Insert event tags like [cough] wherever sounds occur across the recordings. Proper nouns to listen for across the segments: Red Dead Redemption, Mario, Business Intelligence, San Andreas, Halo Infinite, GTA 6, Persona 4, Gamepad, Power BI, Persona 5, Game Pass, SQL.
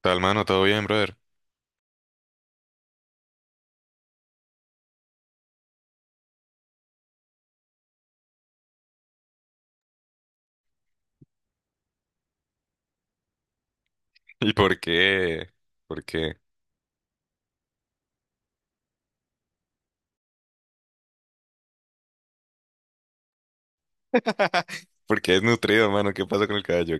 Tal, mano, todo bien, brother. [laughs] ¿Y por qué? ¿Por qué? ¿Por qué es nutrido, mano? ¿Qué pasa con el caballo?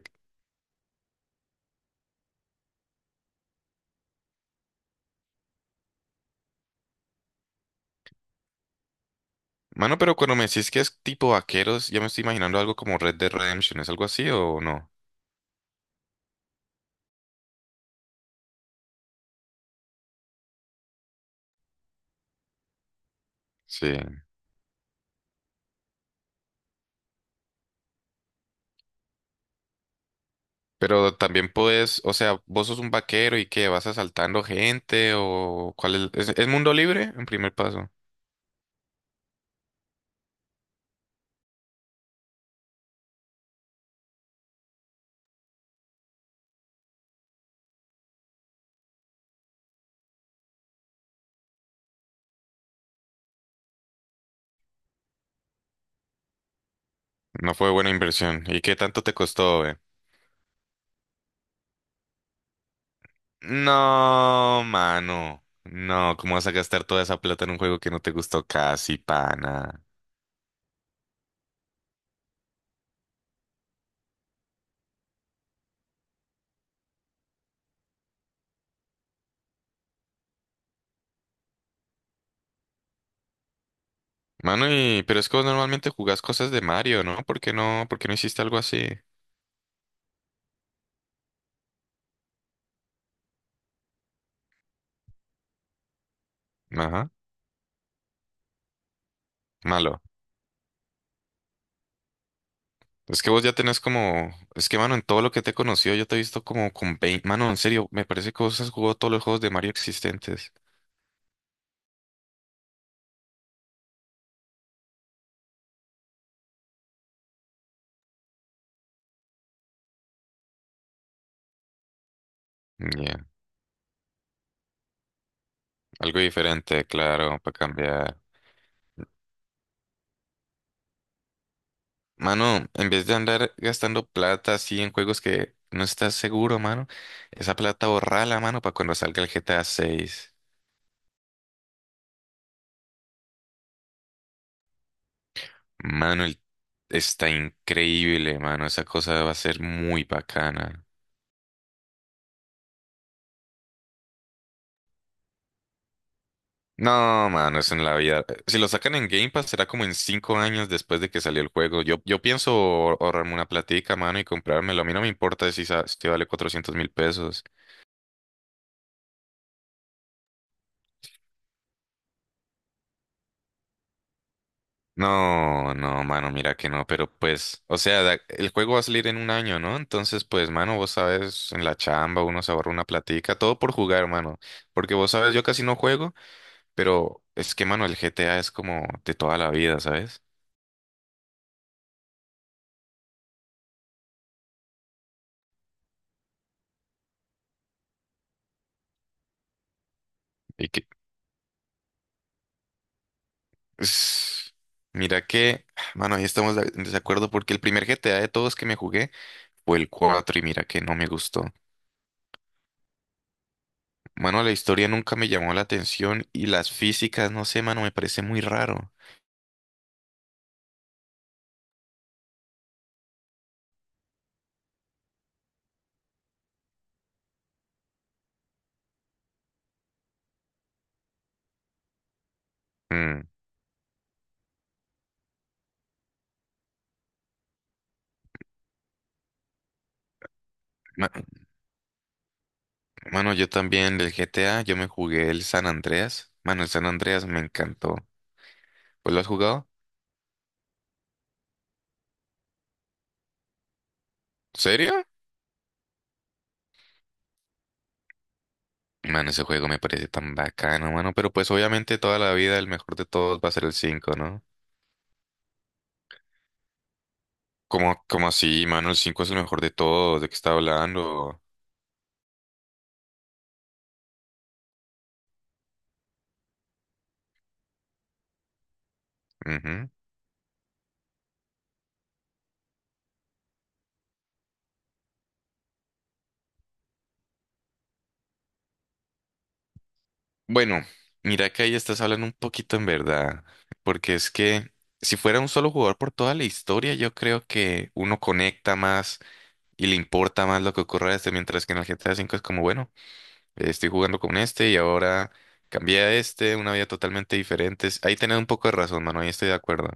Mano, pero cuando me decís que es tipo vaqueros, ya me estoy imaginando algo como Red Dead Redemption. ¿Es algo así o no? Sí. Pero también puedes, o sea, vos sos un vaquero y qué, vas asaltando gente o cuál es, ¿es mundo libre en primer paso? No fue buena inversión. ¿Y qué tanto te costó, eh? No, mano. No, ¿cómo vas a gastar toda esa plata en un juego que no te gustó casi, pana? Mano, y pero es que vos normalmente jugás cosas de Mario, ¿no? ¿Por qué no hiciste algo así? Ajá, malo. Es que vos ya tenés como, es que mano, en todo lo que te he conocido, yo te he visto como con 20, mano, en serio, me parece que vos has jugado todos los juegos de Mario existentes. Ya, algo diferente, claro, para cambiar. Mano, en vez de andar gastando plata así en juegos que no estás seguro, mano, esa plata borrala, mano, para cuando salga el GTA 6. Manuel, está increíble, mano. Esa cosa va a ser muy bacana. No, mano, es en la vida. Si lo sacan en Game Pass, será como en 5 años después de que salió el juego. Yo pienso ahorrarme una platica, mano, y comprármelo. A mí no me importa si vale 400.000 pesos. No, no, mano, mira que no, pero pues, o sea, el juego va a salir en un año, ¿no? Entonces, pues, mano, vos sabes, en la chamba uno se ahorra una platica, todo por jugar, mano. Porque vos sabes, yo casi no juego. Pero es que, mano, el GTA es como de toda la vida, ¿sabes? Y que, es- Mira que, mano, ahí estamos en desacuerdo porque el primer GTA de todos que me jugué fue el 4 y mira que no me gustó. Mano, la historia nunca me llamó la atención y las físicas, no sé, mano, me parece muy raro. Mm, ma- Mano, yo también del GTA, yo me jugué el San Andreas. Mano, el San Andreas me encantó. ¿Pues lo has jugado? ¿Serio? Mano, ese juego me parece tan bacano, mano. Pero pues obviamente toda la vida el mejor de todos va a ser el cinco, ¿no? ¿Cómo así, mano? El 5 es el mejor de todos. ¿De qué está hablando? Ujú. Bueno, mira que ahí estás hablando un poquito en verdad. Porque es que si fuera un solo jugador por toda la historia, yo creo que uno conecta más y le importa más lo que ocurra a este. Mientras que en el GTA 5 es como, bueno, estoy jugando con este y ahora cambié a este, una vida totalmente diferente. Es Ahí tenés un poco de razón, mano. Ahí estoy de acuerdo.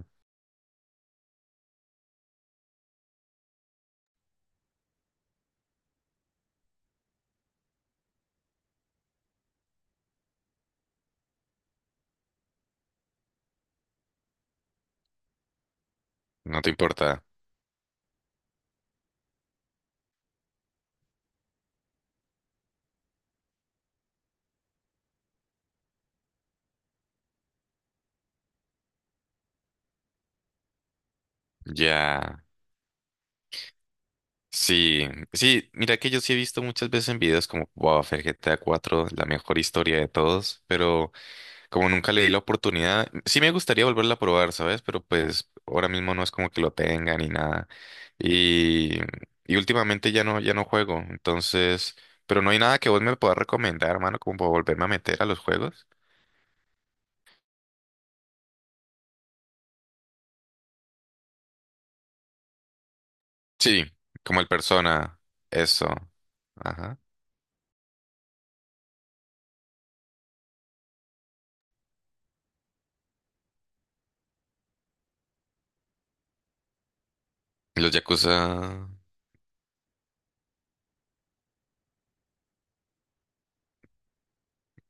No te importa. Ya. Sí, sí, mira que yo sí he visto muchas veces en videos como, wow, fue el GTA 4, la mejor historia de todos, pero como nunca le di la oportunidad, sí me gustaría volverla a probar, ¿sabes? Pero pues ahora mismo no es como que lo tenga ni nada. Y, y últimamente ya no juego, entonces, pero no hay nada que vos me puedas recomendar, hermano, como para volverme a meter a los juegos. Sí, como el Persona, eso. Ajá. Los Yakuza,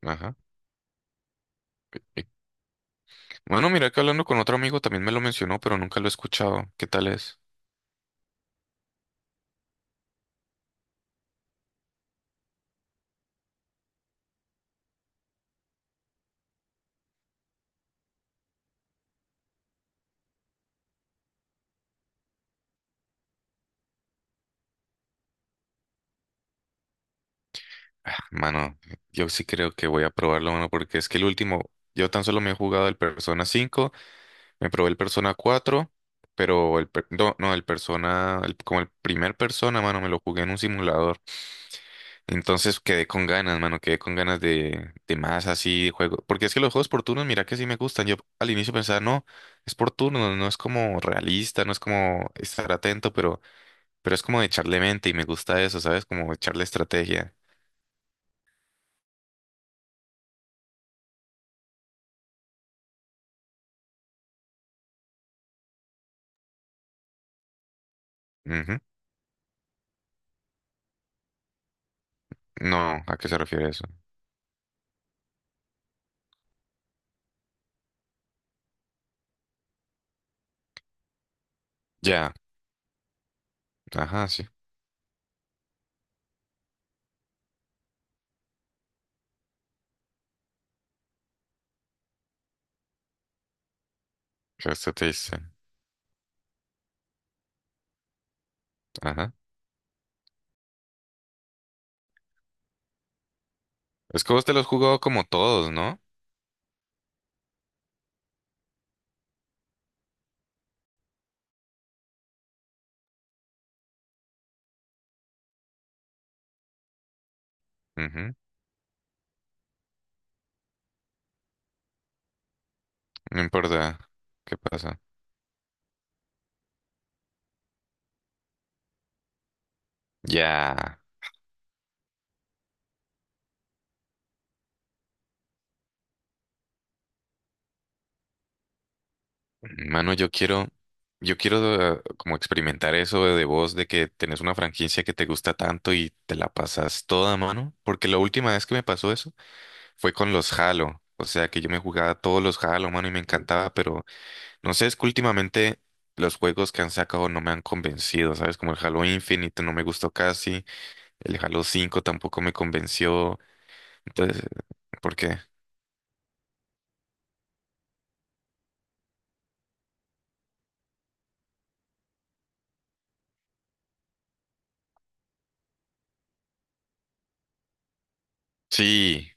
ajá. Bueno, mira que hablando con otro amigo también me lo mencionó, pero nunca lo he escuchado. ¿Qué tal es? Ah, mano, yo sí creo que voy a probarlo, mano, porque es que el último, yo tan solo me he jugado el Persona 5, me probé el Persona 4, pero no, no, el Persona, como el primer Persona, mano, me lo jugué en un simulador. Entonces quedé con ganas, mano, quedé con ganas de más así de juego. Porque es que los juegos por turnos, mira que sí me gustan. Yo al inicio pensaba, no, es por turnos, no es como realista, no es como estar atento, pero es como de echarle mente y me gusta eso, ¿sabes? Como echarle estrategia. Ujú. No, ¿a qué se refiere eso? Ya, ajá, sí. ¿Qué esto te dice? Ajá. Es que vos te los jugado como todos, ¿no? Ujú. No importa qué pasa. Ya, mano, yo quiero como experimentar eso de vos, de que tenés una franquicia que te gusta tanto y te la pasas toda, mano. Porque la última vez que me pasó eso fue con los Halo. O sea que yo me jugaba todos los Halo, mano, y me encantaba, pero no sé, es que últimamente los juegos que han sacado no me han convencido, ¿sabes? Como el Halo Infinite no me gustó casi, el Halo 5 tampoco me convenció. Entonces, ¿por qué? Sí.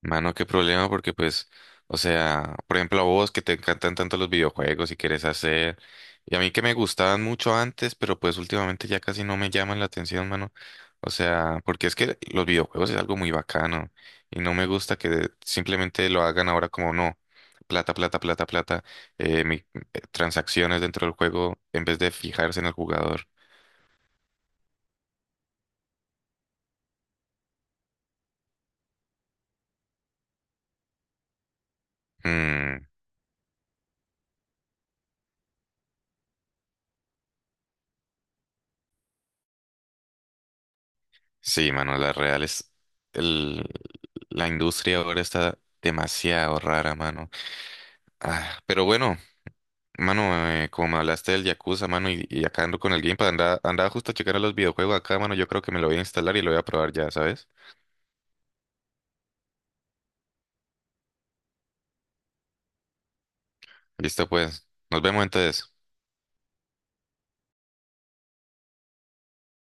Mano, qué problema, porque pues, o sea, por ejemplo, a vos que te encantan tanto los videojuegos y quieres hacer, y a mí que me gustaban mucho antes, pero pues últimamente ya casi no me llaman la atención, mano. O sea, porque es que los videojuegos es algo muy bacano y no me gusta que simplemente lo hagan ahora como no, plata, plata, plata, plata, transacciones dentro del juego en vez de fijarse en el jugador. Mm, Sí, mano, la real es el, la industria ahora está demasiado rara, mano. Ah, pero bueno, mano, como me hablaste del Yakuza, mano, y acá ando con el Gamepad, andaba justo a checar a los videojuegos acá, mano, yo creo que me lo voy a instalar y lo voy a probar ya, ¿sabes? Listo, pues, nos vemos entonces.